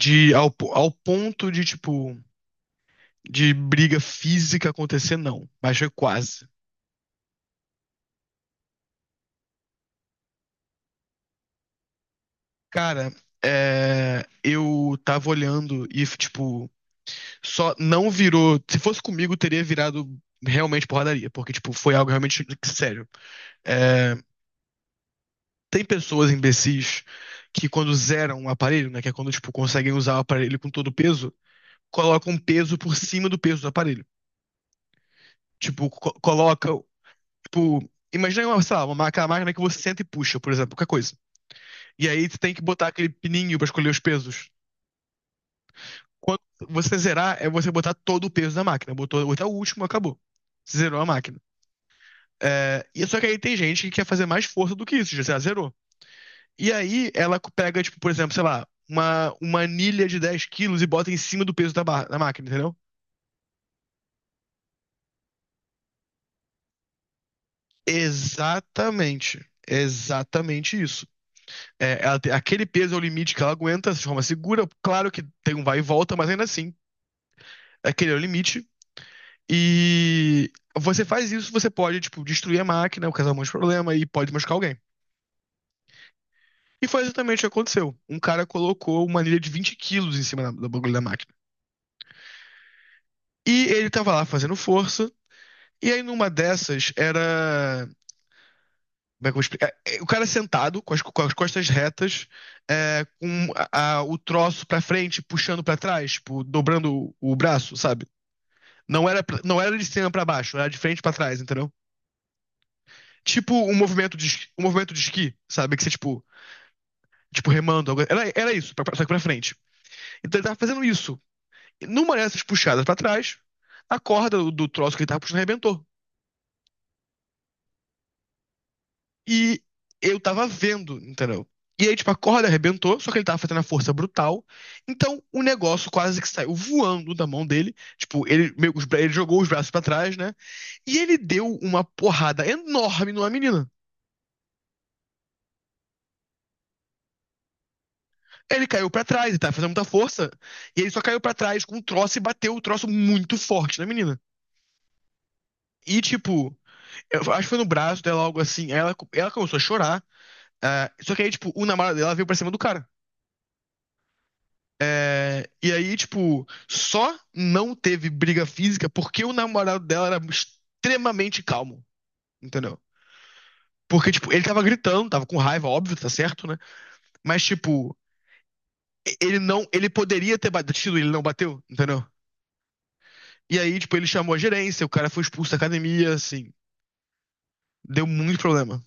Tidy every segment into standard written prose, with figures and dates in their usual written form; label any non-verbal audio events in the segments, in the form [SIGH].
Ao ponto de, tipo, de briga física acontecer, não. Mas foi quase. Cara, eu tava olhando e, tipo, só não virou. Se fosse comigo, teria virado realmente porradaria, porque, tipo, foi algo realmente sério. É, tem pessoas imbecis que, quando zeram o aparelho, né, que é quando, tipo, conseguem usar o aparelho com todo o peso, colocam um peso por cima do peso do aparelho. Tipo, co- coloca Tipo, imagina uma, sei lá, uma máquina que você senta e puxa, por exemplo, qualquer coisa. E aí você tem que botar aquele pininho pra escolher os pesos. Você zerar é você botar todo o peso da máquina. Botou até o último, acabou. Você zerou a máquina. É, e só que aí tem gente que quer fazer mais força do que isso, já sei lá, zerou. E aí ela pega, tipo, por exemplo, sei lá, uma anilha de 10 quilos e bota em cima do peso da máquina, entendeu? Exatamente. Exatamente isso. É, ela aquele peso é o limite que ela aguenta de forma segura. Claro que tem um vai e volta, mas ainda assim, aquele é o limite. E você faz isso, você pode, tipo, destruir a máquina, causar um monte de problema e pode machucar alguém. E foi exatamente o que aconteceu. Um cara colocou uma anilha de 20 quilos em cima do bagulho da máquina. E ele tava lá fazendo força. E aí, numa dessas, era. Como é que eu vou explicar? O cara sentado, com as costas retas, com o troço pra frente, puxando pra trás, tipo, dobrando o braço, sabe? Não era de cima pra baixo, era de frente pra trás, entendeu? Tipo um movimento de esqui, sabe? Que você, tipo remando. Era isso, só que pra frente. Então ele tava fazendo isso. E numa dessas puxadas pra trás, a corda do troço que ele tava puxando arrebentou. E eu tava vendo, entendeu? E aí, tipo, a corda arrebentou, só que ele tava fazendo a força brutal. Então, o negócio quase que saiu voando da mão dele. Tipo, ele jogou os braços pra trás, né? E ele deu uma porrada enorme numa menina. Ele caiu pra trás, ele tava fazendo muita força. E ele só caiu pra trás com um troço e bateu o troço muito forte na menina. E, tipo, eu acho que foi no braço dela, algo assim. Aí ela começou a chorar. Ah, só que aí, tipo, o namorado dela veio pra cima do cara. É, e aí, tipo, só não teve briga física porque o namorado dela era extremamente calmo, entendeu? Porque, tipo, ele tava gritando, tava com raiva, óbvio, tá certo, né? Mas, tipo, ele não, ele poderia ter batido, ele não bateu, entendeu? E aí, tipo, ele chamou a gerência, o cara foi expulso da academia, assim. Deu muito problema.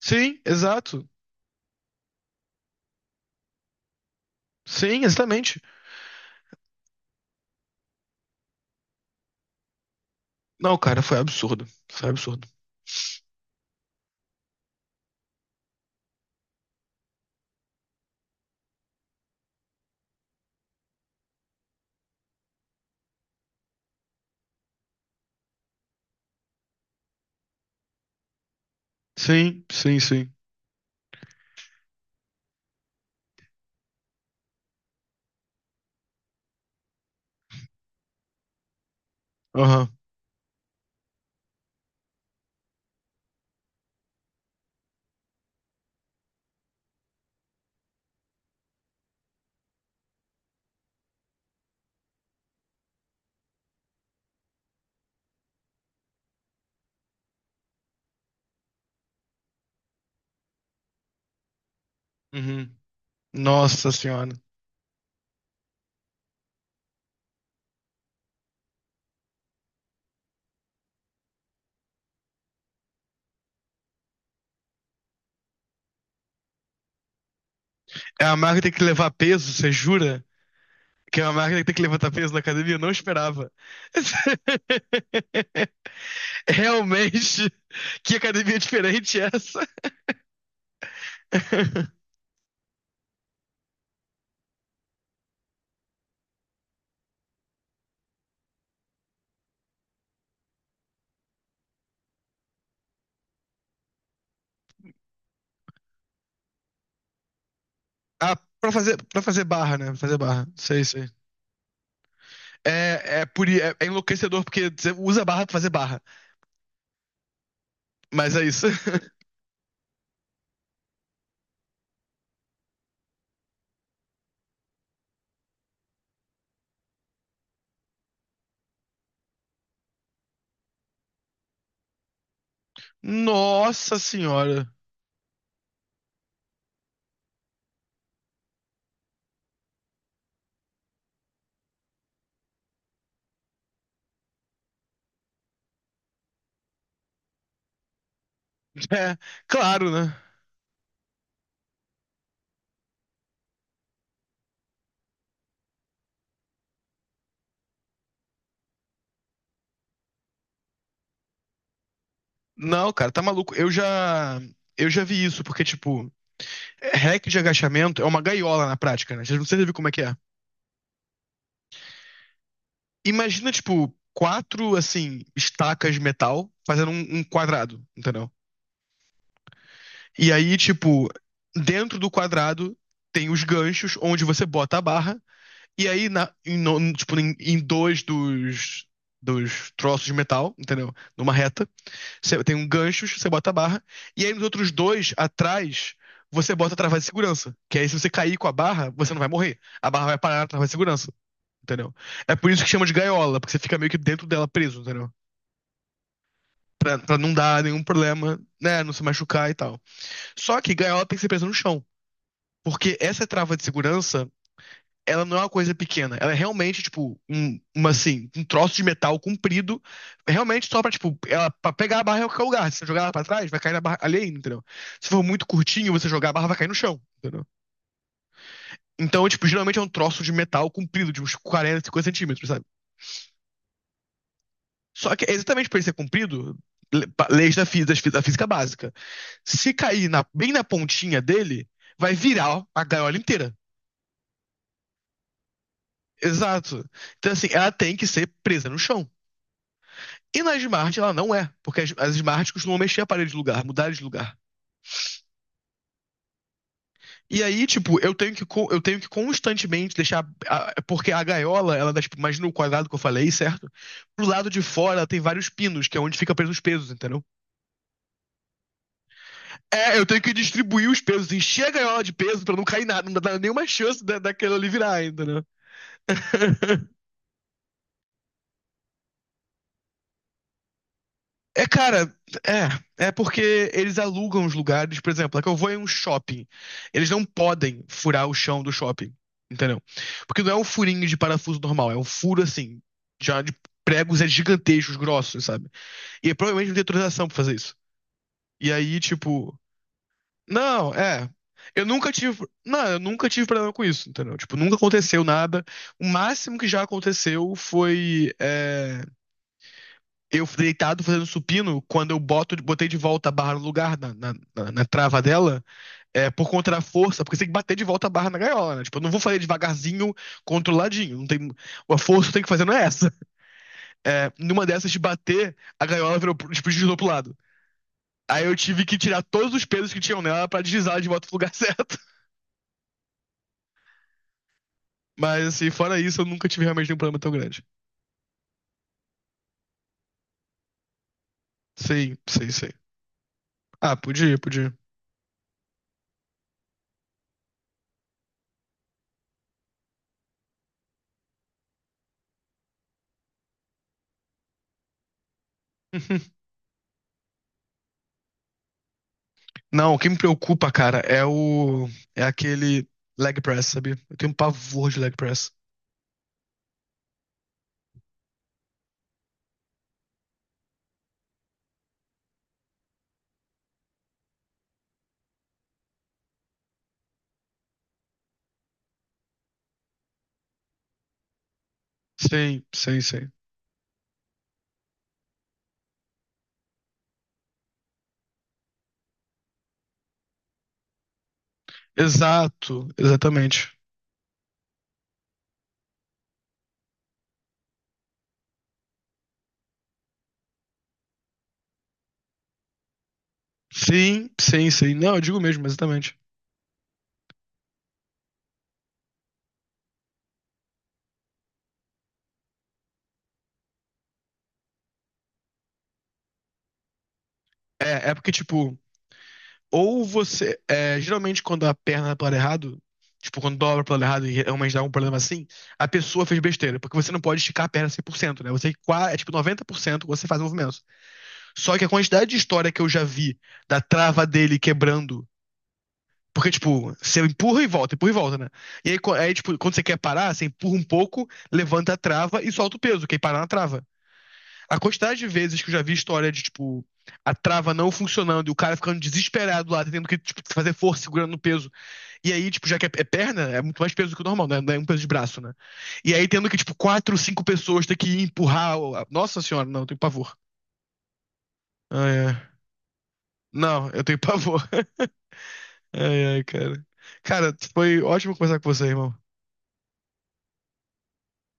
Sim, exato. Sim, exatamente. Não, cara, foi absurdo. Foi absurdo. Sim, sim, sim. Aham. Uhum. Nossa senhora. É uma máquina que tem que levar peso, você jura? Que é uma máquina que tem que levantar peso na academia? Eu não esperava. [LAUGHS] Realmente, que academia diferente é essa? [LAUGHS] Ah, pra fazer barra, né? Fazer barra. Sei, sei. É enlouquecedor porque você usa barra pra fazer barra. Mas é isso. [LAUGHS] Nossa senhora. É, claro, né? Não, cara, tá maluco. Eu já vi isso, porque, tipo, hack de agachamento é uma gaiola na prática, né? Vocês não sabem como é que é. Imagina, tipo, quatro, assim, estacas de metal fazendo um quadrado, entendeu? E aí, tipo, dentro do quadrado tem os ganchos onde você bota a barra. E aí, na, em, no- tipo, em dois dos troços de metal, entendeu? Numa reta, você tem um gancho, você bota a barra. E aí, nos outros dois, atrás, você bota a trava de segurança. Que aí, se você cair com a barra, você não vai morrer. A barra vai parar na trava de segurança, entendeu? É por isso que chama de gaiola, porque você fica meio que dentro dela preso, entendeu? Pra não dar nenhum problema, né? Não se machucar e tal. Só que gaiola tem que ser presa no chão. Porque essa trava de segurança ela não é uma coisa pequena. Ela é realmente, tipo, assim, um troço de metal comprido, realmente só tipo, pra pegar a barra em qualquer lugar. Se você jogar ela pra trás, vai cair na barra alheia, entendeu? Se for muito curtinho, você jogar a barra, vai cair no chão, entendeu? Então, tipo, geralmente é um troço de metal comprido, de uns 40 50 centímetros, sabe? Só que é exatamente por ele ser comprido, leis da, fí- das fí- da física básica. Se cair bem na pontinha dele, vai virar a gaiola inteira. Exato. Então, assim, ela tem que ser presa no chão. E na Smart ela não é, porque as Smart costumam mexer a parede de lugar, mudar de lugar. E aí, tipo, eu tenho que constantemente deixar. Porque a gaiola, ela dá, tipo, imagina o quadrado que eu falei, certo? Pro lado de fora ela tem vários pinos, que é onde fica preso os pesos, entendeu? Eu tenho que distribuir os pesos, encher a gaiola de peso pra não cair nada, não dar nenhuma chance daquela ali virar, entendeu? [LAUGHS] É, cara, é. É porque eles alugam os lugares, por exemplo, é que eu vou em um shopping. Eles não podem furar o chão do shopping, entendeu? Porque não é um furinho de parafuso normal, é um furo assim, já de pregos é gigantescos, grossos, sabe? E provavelmente não tem autorização pra fazer isso. E aí, tipo, não, é. Eu nunca tive, não, eu nunca tive problema com isso, entendeu? Tipo, nunca aconteceu nada. O máximo que já aconteceu foi, eu deitado fazendo supino, quando botei de volta a barra no lugar, na trava dela, é por conta da força, porque você tem que bater de volta a barra na gaiola, né? Tipo, eu não vou fazer devagarzinho, controladinho. Não tem, a força que eu tenho que fazer não é essa. É, numa dessas de bater, a gaiola virou, tipo, deslizou pro lado. Aí eu tive que tirar todos os pesos que tinham nela pra deslizar ela de volta pro lugar [LAUGHS] certo. Mas, assim, fora isso, eu nunca tive realmente nenhum problema tão grande. Sim, sim, sim. Ah, podia, podia. [LAUGHS] Não, o que me preocupa, cara, é o. É aquele leg press, sabe? Eu tenho um pavor de leg press. Sim, sim, sim. Exato, exatamente. Sim, sim, sim. Não, eu digo mesmo, exatamente. É porque, tipo, ou você. É, geralmente, quando a perna é pro lado errado, tipo, quando dobra pro lado errado e realmente dá um problema assim, a pessoa fez besteira. Porque você não pode esticar a perna 100%, né? Você é tipo 90% você faz o movimento. Só que a quantidade de história que eu já vi da trava dele quebrando. Porque, tipo, você empurra e volta, né? E aí, tipo, quando você quer parar, você empurra um pouco, levanta a trava e solta o peso, que aí para na trava. A quantidade de vezes que eu já vi história de, tipo, a trava não funcionando e o cara ficando desesperado lá, tendo que, tipo, fazer força segurando no peso. E aí, tipo, já que é perna, é muito mais peso do que o normal, né? Não é um peso de braço, né? E aí, tendo que, tipo, quatro, cinco pessoas ter que ir empurrar. Nossa senhora, não, eu tenho pavor. Ai, ai. Não, eu tenho pavor. [LAUGHS] Ai, ai, cara. Cara, foi ótimo conversar com você, irmão.